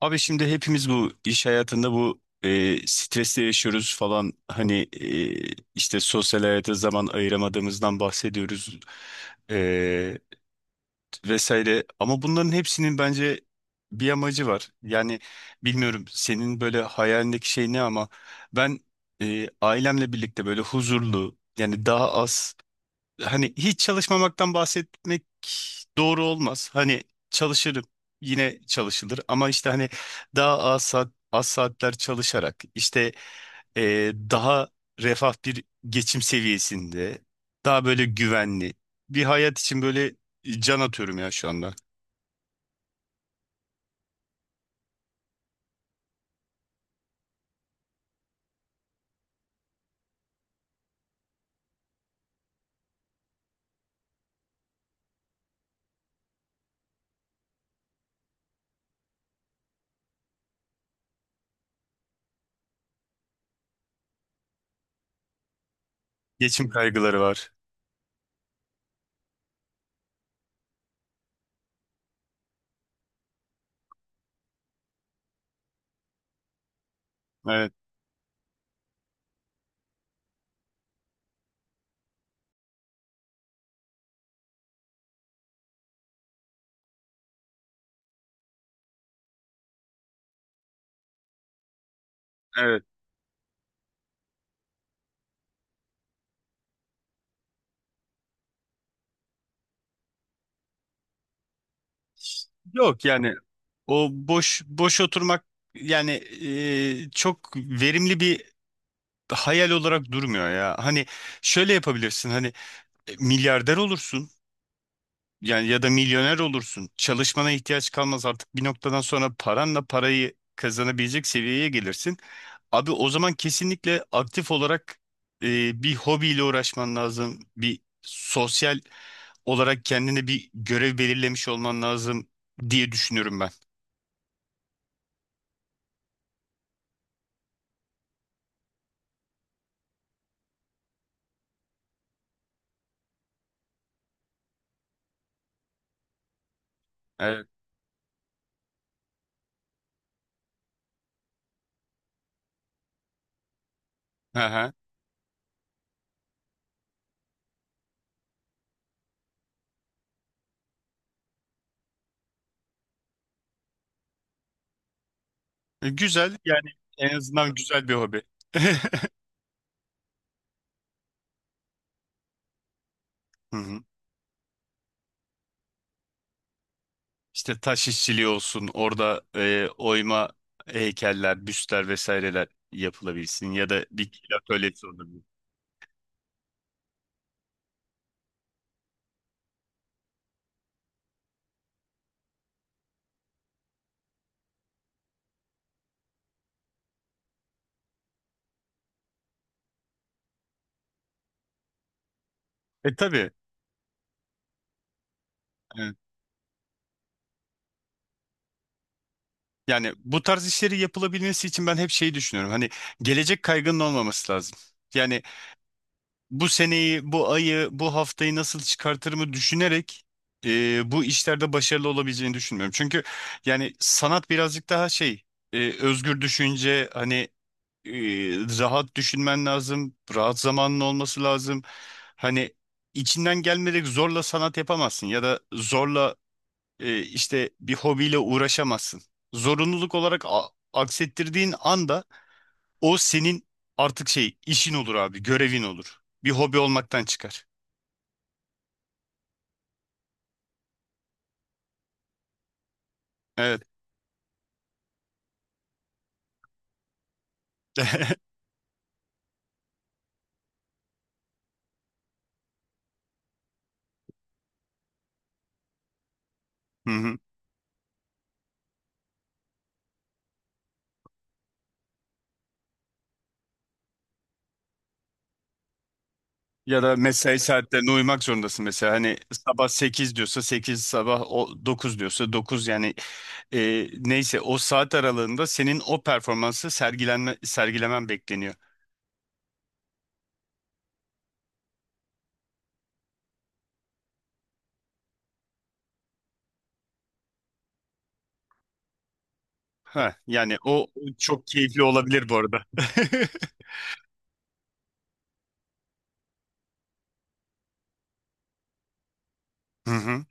Abi şimdi hepimiz bu iş hayatında bu stresle yaşıyoruz falan hani işte sosyal hayata zaman ayıramadığımızdan bahsediyoruz e, vesaire ama bunların hepsinin bence bir amacı var. Yani bilmiyorum senin böyle hayalindeki şey ne ama ben ailemle birlikte böyle huzurlu yani daha az hani hiç çalışmamaktan bahsetmek doğru olmaz. Hani çalışırım yine çalışılır ama işte hani daha az saat, az saatler çalışarak işte daha refah bir geçim seviyesinde daha böyle güvenli bir hayat için böyle can atıyorum ya şu anda. Geçim kaygıları var. Evet, evet. Yok yani o boş boş oturmak yani çok verimli bir hayal olarak durmuyor ya. Hani şöyle yapabilirsin hani milyarder olursun yani ya da milyoner olursun. Çalışmana ihtiyaç kalmaz artık bir noktadan sonra paranla parayı kazanabilecek seviyeye gelirsin. Abi o zaman kesinlikle aktif olarak bir hobiyle uğraşman lazım. Bir sosyal olarak kendine bir görev belirlemiş olman lazım diye düşünüyorum ben. Evet. Hı hı. Güzel yani en azından güzel bir hobi. Hı hı. İşte taş işçiliği olsun, orada oyma heykeller, büstler vesaireler yapılabilsin ya da bir atölyesi olabilir. E tabii. Evet. Yani bu tarz işleri yapılabilmesi için ben hep şeyi düşünüyorum. Hani gelecek kaygının olmaması lazım. Yani bu seneyi, bu ayı, bu haftayı nasıl çıkartırımı düşünerek bu işlerde başarılı olabileceğini düşünmüyorum. Çünkü yani sanat birazcık daha şey, özgür düşünce, hani e, rahat düşünmen lazım. Rahat zamanın olması lazım. Hani içinden gelmeyerek zorla sanat yapamazsın ya da zorla işte bir hobiyle uğraşamazsın. Zorunluluk olarak aksettirdiğin anda o senin artık şey işin olur abi, görevin olur. Bir hobi olmaktan çıkar. Evet. Hı hı. Ya da mesai saatlerine uymak zorundasın mesela. Hani sabah 8 diyorsa sekiz, sabah o dokuz diyorsa 9 yani neyse o saat aralığında senin o performansı sergilemen bekleniyor. Ha, yani o çok keyifli olabilir bu arada. Hı hı.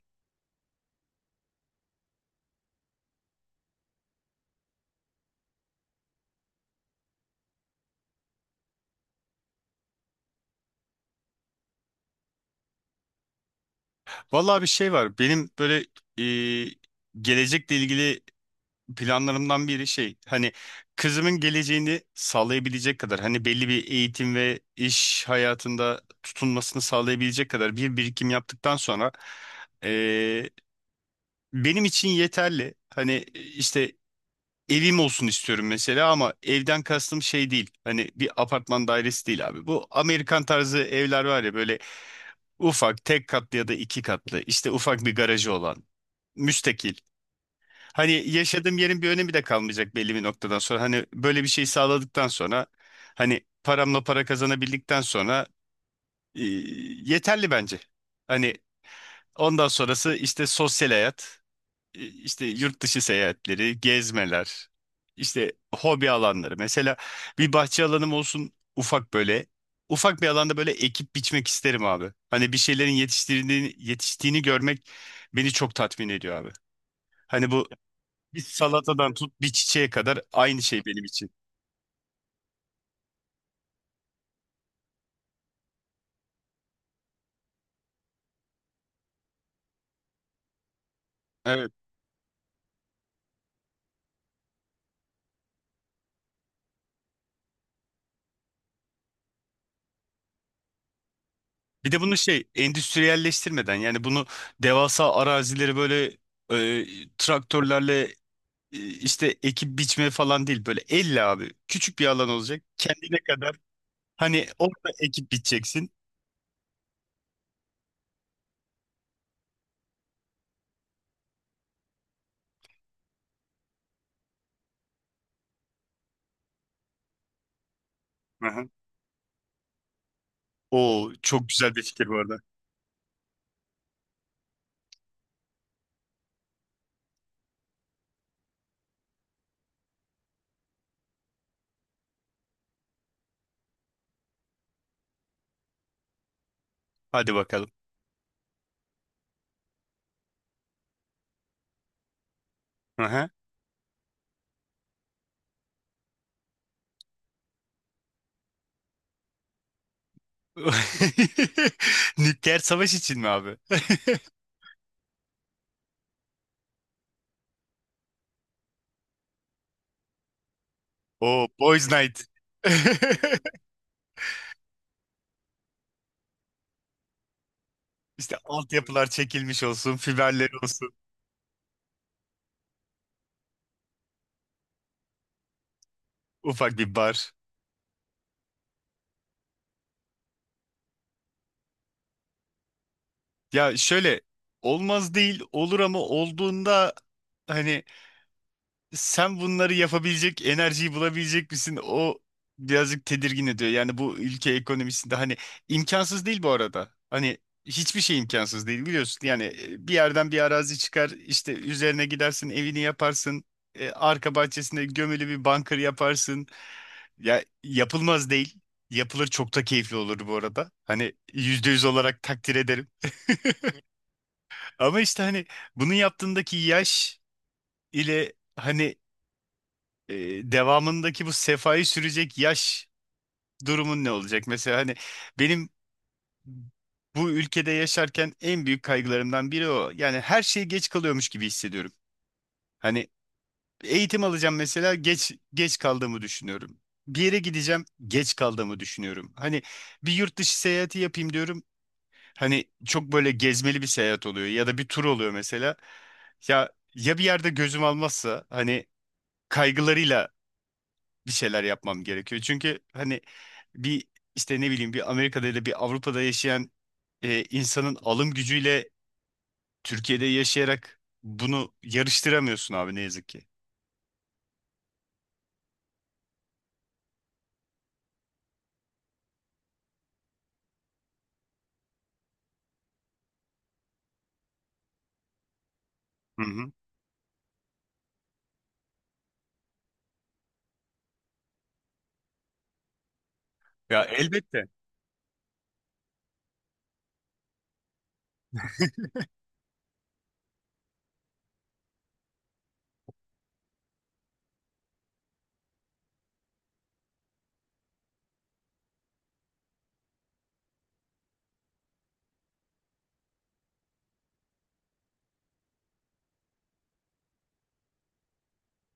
Vallahi bir şey var. Benim böyle e, gelecekle ilgili planlarımdan biri şey hani kızımın geleceğini sağlayabilecek kadar hani belli bir eğitim ve iş hayatında tutunmasını sağlayabilecek kadar bir birikim yaptıktan sonra eee, benim için yeterli. Hani işte evim olsun istiyorum mesela ama evden kastım şey değil. Hani bir apartman dairesi değil abi. Bu Amerikan tarzı evler var ya böyle ufak tek katlı ya da iki katlı işte ufak bir garajı olan müstakil. Hani yaşadığım yerin bir önemi de kalmayacak belli bir noktadan sonra. Hani böyle bir şey sağladıktan sonra hani paramla para kazanabildikten sonra e, yeterli bence. Hani ondan sonrası işte sosyal hayat, işte yurt dışı seyahatleri, gezmeler, işte hobi alanları. Mesela bir bahçe alanım olsun ufak böyle. Ufak bir alanda böyle ekip biçmek isterim abi. Hani bir şeylerin yetiştiğini görmek beni çok tatmin ediyor abi. Hani bu bir salatadan tut bir çiçeğe kadar aynı şey benim için. Evet. Bir de bunu şey endüstriyelleştirmeden yani bunu devasa arazileri böyle traktörlerle işte ekip biçme falan değil böyle elle abi küçük bir alan olacak kendine kadar hani orada ekip biçeceksin. Aha. Oo çok güzel bir fikir bu arada. Hadi bakalım. Aha. Nükleer savaş için mi abi? Oo Boys Night. İşte altyapılar çekilmiş olsun, fiberleri olsun. Ufak bir bar. Ya şöyle olmaz değil olur ama olduğunda hani sen bunları yapabilecek enerjiyi bulabilecek misin? O birazcık tedirgin ediyor. Yani bu ülke ekonomisinde hani imkansız değil bu arada. Hani hiçbir şey imkansız değil biliyorsun. Yani bir yerden bir arazi çıkar işte üzerine gidersin evini yaparsın. E, arka bahçesinde gömülü bir bunker yaparsın. Ya yapılmaz değil. Yapılır çok da keyifli olur bu arada. Hani yüzde yüz olarak takdir ederim. Ama işte hani bunu yaptığındaki yaş ile hani e, devamındaki bu sefayı sürecek yaş durumun ne olacak? Mesela hani benim bu ülkede yaşarken en büyük kaygılarımdan biri o. Yani her şey geç kalıyormuş gibi hissediyorum. Hani eğitim alacağım mesela geç kaldığımı düşünüyorum. Bir yere gideceğim geç kaldığımı düşünüyorum. Hani bir yurt dışı seyahati yapayım diyorum. Hani çok böyle gezmeli bir seyahat oluyor ya da bir tur oluyor mesela. Ya ya bir yerde gözüm almazsa hani kaygılarıyla bir şeyler yapmam gerekiyor. Çünkü hani bir işte ne bileyim bir Amerika'da ya da bir Avrupa'da yaşayan insanın alım gücüyle Türkiye'de yaşayarak bunu yarıştıramıyorsun abi ne yazık ki. Hı hı. Ya elbette.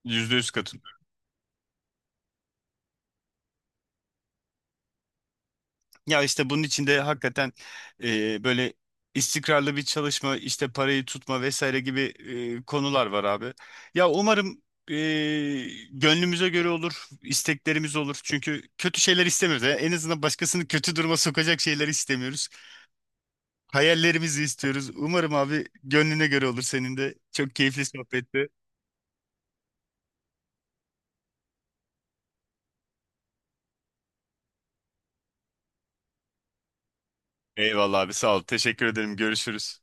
Yüzde yüz katılıyorum. Ya işte bunun içinde hakikaten böyle istikrarlı bir çalışma, işte parayı tutma vesaire gibi konular var abi. Ya umarım e, gönlümüze göre olur, isteklerimiz olur. Çünkü kötü şeyler istemiyoruz. Yani en azından başkasını kötü duruma sokacak şeyler istemiyoruz. Hayallerimizi istiyoruz. Umarım abi gönlüne göre olur senin de. Çok keyifli sohbetti. Eyvallah abi sağ ol. Teşekkür ederim. Görüşürüz.